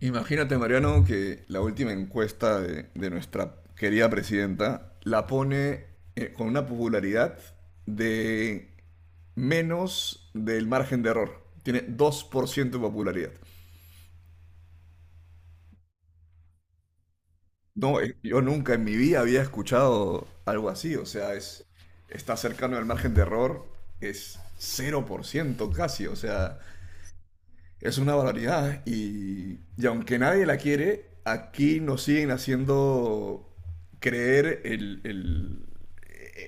Imagínate, Mariano, que la última encuesta de nuestra querida presidenta la pone con una popularidad de menos del margen de error. Tiene 2% de popularidad. No, yo nunca en mi vida había escuchado algo así. O sea, es, está cercano al margen de error, es 0% casi. O sea, es una barbaridad y, aunque nadie la quiere, aquí nos siguen haciendo creer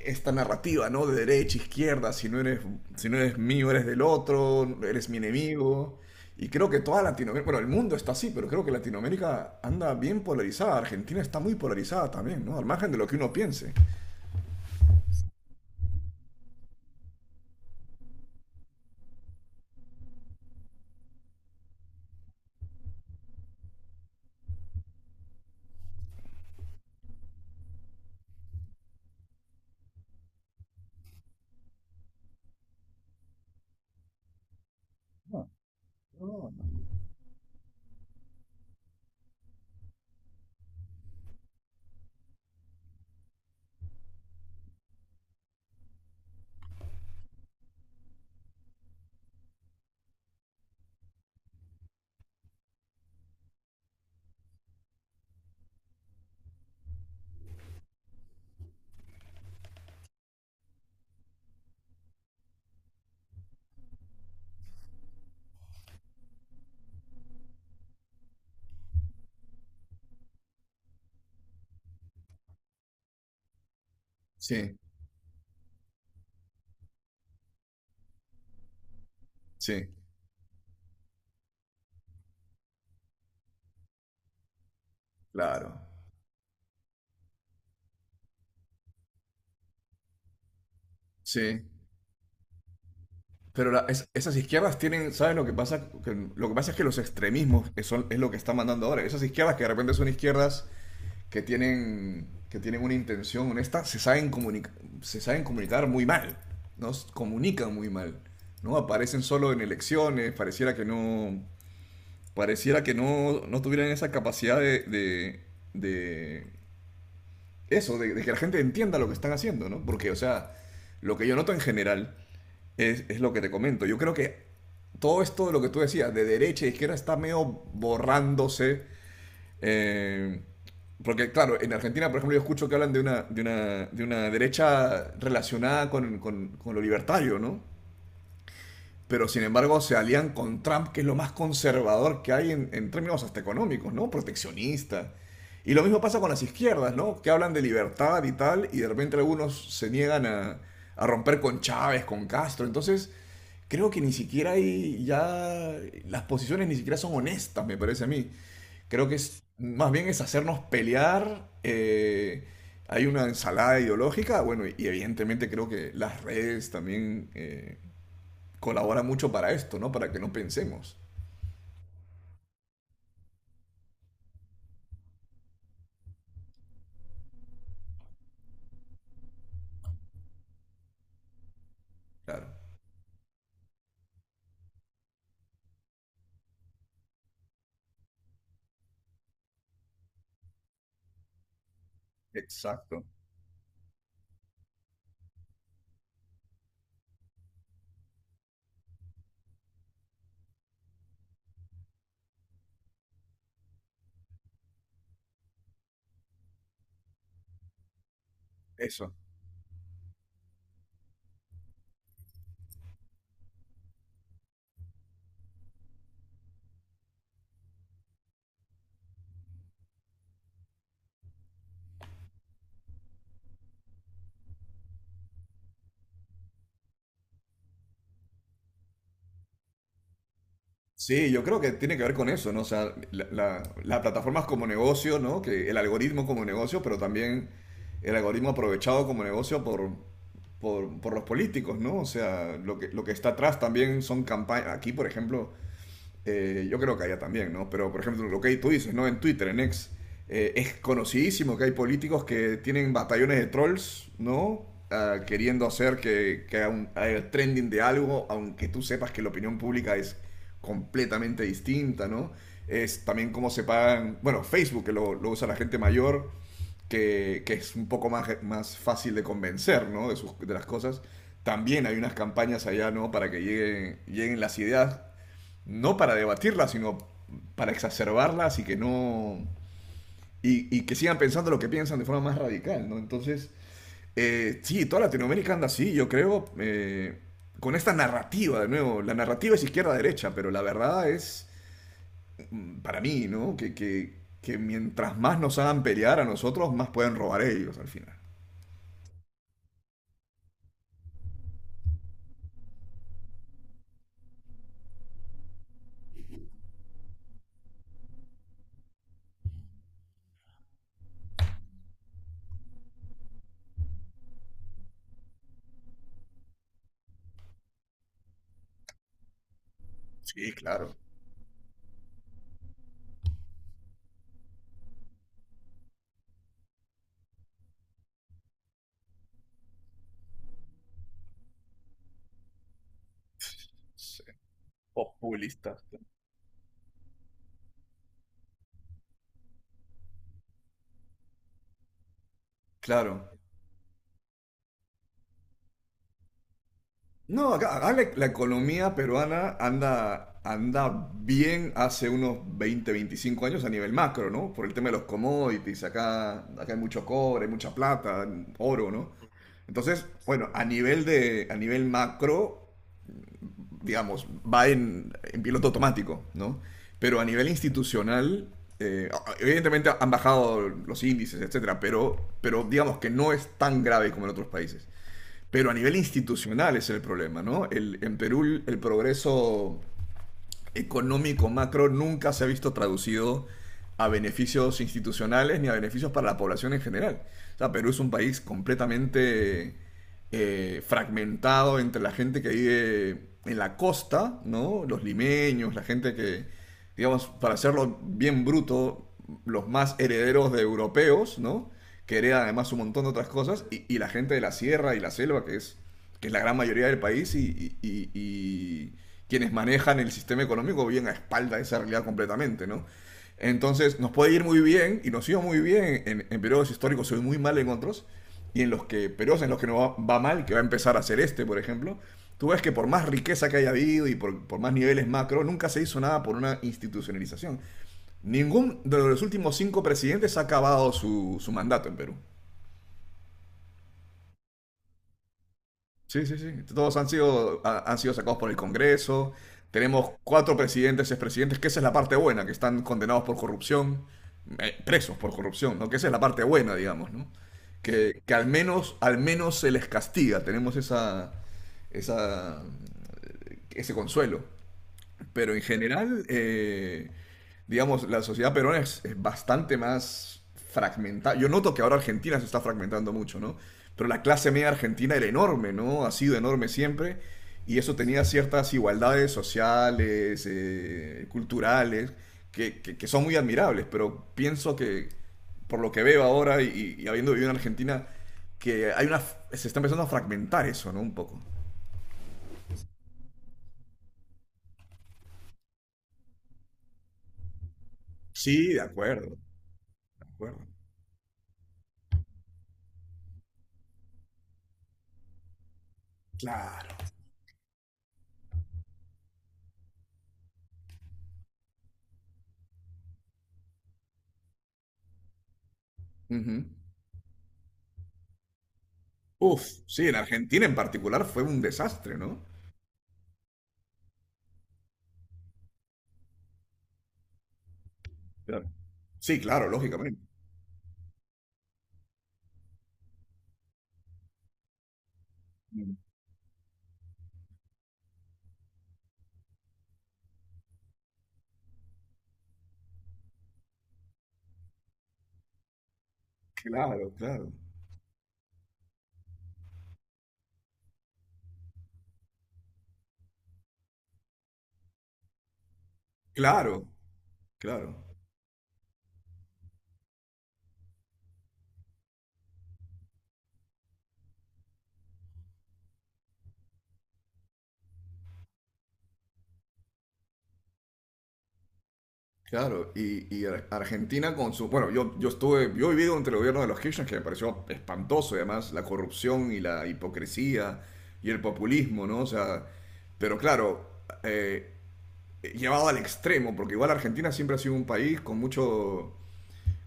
esta narrativa, ¿no? De derecha, izquierda, si no eres, si no eres mío, eres del otro, eres mi enemigo. Y creo que toda Latinoamérica, bueno, el mundo está así, pero creo que Latinoamérica anda bien polarizada. Argentina está muy polarizada también, ¿no? Al margen de lo que uno piense. No, no. Sí, sí, claro. Sí, pero esas izquierdas tienen, ¿sabes lo que pasa? Lo que pasa es que los extremismos es lo que están mandando ahora. Esas izquierdas que de repente son izquierdas que tienen una intención honesta, se saben comunicar muy mal, ¿no? Comunican muy mal, ¿no? Aparecen solo en elecciones, pareciera que no, no tuvieran esa capacidad de eso, de que la gente entienda lo que están haciendo, ¿no? Porque, o sea, lo que yo noto en general es lo que te comento. Yo creo que todo esto de lo que tú decías, de derecha e izquierda, está medio borrándose. eh, Porque, claro, en Argentina, por ejemplo, yo escucho que hablan de una derecha relacionada con, con lo libertario, ¿no? Pero sin embargo se alían con Trump, que es lo más conservador que hay en términos hasta económicos, ¿no? Proteccionista. Y lo mismo pasa con las izquierdas, ¿no? Que hablan de libertad y tal, y de repente algunos se niegan a romper con Chávez, con Castro. Entonces, creo que ni siquiera hay ya. Las posiciones ni siquiera son honestas, me parece a mí. Creo que es, más bien es hacernos pelear. Hay una ensalada ideológica, bueno, y evidentemente creo que las redes también colabora mucho para esto, ¿no? Para que no pensemos. Claro. Exacto, eso. Sí, yo creo que tiene que ver con eso, ¿no? O sea, las plataformas como negocio, ¿no? Que el algoritmo como negocio, pero también el algoritmo aprovechado como negocio por los políticos, ¿no? O sea, lo que está atrás también son campañas. Aquí, por ejemplo, eh, yo creo que allá también, ¿no? Pero, por ejemplo, lo que tú dices, ¿no? En Twitter, en X, es conocidísimo que hay políticos que tienen batallones de trolls, ¿no? Ah, queriendo hacer que haya, un, haya trending de algo, aunque tú sepas que la opinión pública es completamente distinta, ¿no? Es también cómo se pagan, bueno, Facebook, que lo usa la gente mayor, que es un poco más, más fácil de convencer, ¿no? De, sus, de las cosas. También hay unas campañas allá, ¿no? Para que lleguen, lleguen las ideas no para debatirlas, sino para exacerbarlas y que no. Y que sigan pensando lo que piensan de forma más radical, ¿no? Entonces, sí, toda Latinoamérica anda así, yo creo, con esta narrativa, de nuevo. La narrativa es izquierda-derecha, pero la verdad es, para mí, ¿no? Que mientras más nos hagan pelear a nosotros, más pueden robar ellos al final. Sí, claro. Sí. Populistas. Claro. No, acá, acá la economía peruana anda, anda bien hace unos 20, 25 años a nivel macro, ¿no? Por el tema de los commodities, acá, acá hay mucho cobre, mucha plata, oro, ¿no? Entonces, bueno, a nivel de, a nivel macro, digamos, va en piloto automático, ¿no? Pero a nivel institucional, eh, evidentemente han bajado los índices, etcétera, pero digamos que no es tan grave como en otros países. Pero a nivel institucional es el problema, ¿no? El, en Perú el progreso económico macro nunca se ha visto traducido a beneficios institucionales ni a beneficios para la población en general. O sea, Perú es un país completamente fragmentado entre la gente que vive en la costa, ¿no? Los limeños, la gente que, digamos, para hacerlo bien bruto, los más herederos de europeos, ¿no? Que heredan además un montón de otras cosas, y la gente de la sierra y la selva, que es la gran mayoría del país, y, y quienes manejan el sistema económico bien a espalda de esa realidad completamente, ¿no? Entonces nos puede ir muy bien y nos iba muy bien en periodos históricos, se ve muy mal en otros, y en los que periodos en los que no va, va mal, que va a empezar a hacer este, por ejemplo, tú ves que por más riqueza que haya habido y por más niveles macro, nunca se hizo nada por una institucionalización. Ningún de los últimos 5 presidentes ha acabado su, su mandato en Perú. Sí, sí, sí. Todos han sido, han sido sacados por el Congreso. Tenemos 4 presidentes, expresidentes, que esa es la parte buena, que están condenados por corrupción, presos por corrupción, ¿no? Que esa es la parte buena, digamos, ¿no? Que al menos se les castiga. Tenemos esa, esa, ese consuelo. Pero en general, digamos, la sociedad peruana es bastante más fragmentada. Yo noto que ahora Argentina se está fragmentando mucho, ¿no? Pero la clase media argentina era enorme, ¿no? Ha sido enorme siempre. Y eso tenía ciertas igualdades sociales, culturales, que, que son muy admirables. Pero pienso que, por lo que veo ahora y habiendo vivido en Argentina, que hay una, se está empezando a fragmentar eso, ¿no? Un poco. Sí, de acuerdo, de acuerdo. Claro. Ujú. Uf, sí, en Argentina en particular fue un desastre, ¿no? Claro. Sí, claro, lógicamente. Claro, claro. Claro, claro, claro. Y Argentina con su... Bueno, yo estuve, yo he vivido entre el gobierno de los Kirchner, que me pareció espantoso, y además, la corrupción y la hipocresía y el populismo, ¿no? O sea, pero claro, llevado al extremo, porque igual Argentina siempre ha sido un país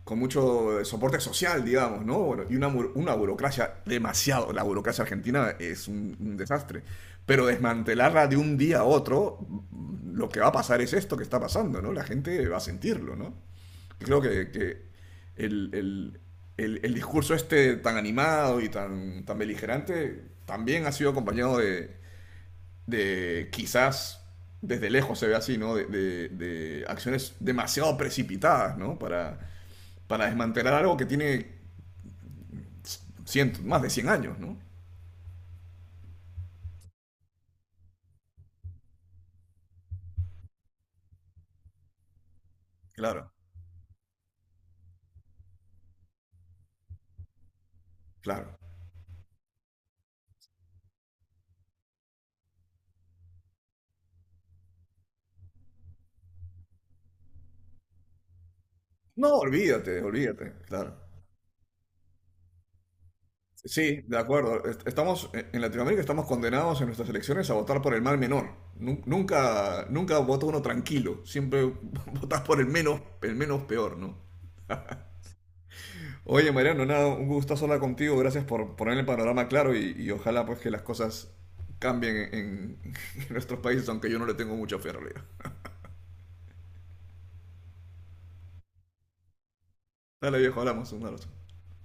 con mucho soporte social, digamos, ¿no? Bueno, y una burocracia demasiado, la burocracia argentina es un, desastre, pero desmantelarla de un día a otro, lo que va a pasar es esto que está pasando, ¿no? La gente va a sentirlo, ¿no? Y creo que el, el, el discurso este tan animado y tan, tan beligerante también ha sido acompañado de quizás desde lejos se ve así, ¿no? De acciones demasiado precipitadas, ¿no? Para desmantelar algo que tiene cientos, más de 100 años, ¿no? Claro, claro. No, olvídate, olvídate, claro. Sí, de acuerdo. Estamos en Latinoamérica estamos condenados en nuestras elecciones a votar por el mal menor. Nunca, nunca vota uno tranquilo. Siempre votas por el menos peor, ¿no? Oye, Mariano, nada, un gustazo hablar contigo. Gracias por poner el panorama claro y ojalá pues que las cosas cambien en, en nuestros países, aunque yo no le tengo mucha fe en realidad. Dale, viejo, hablamos. Un abrazo.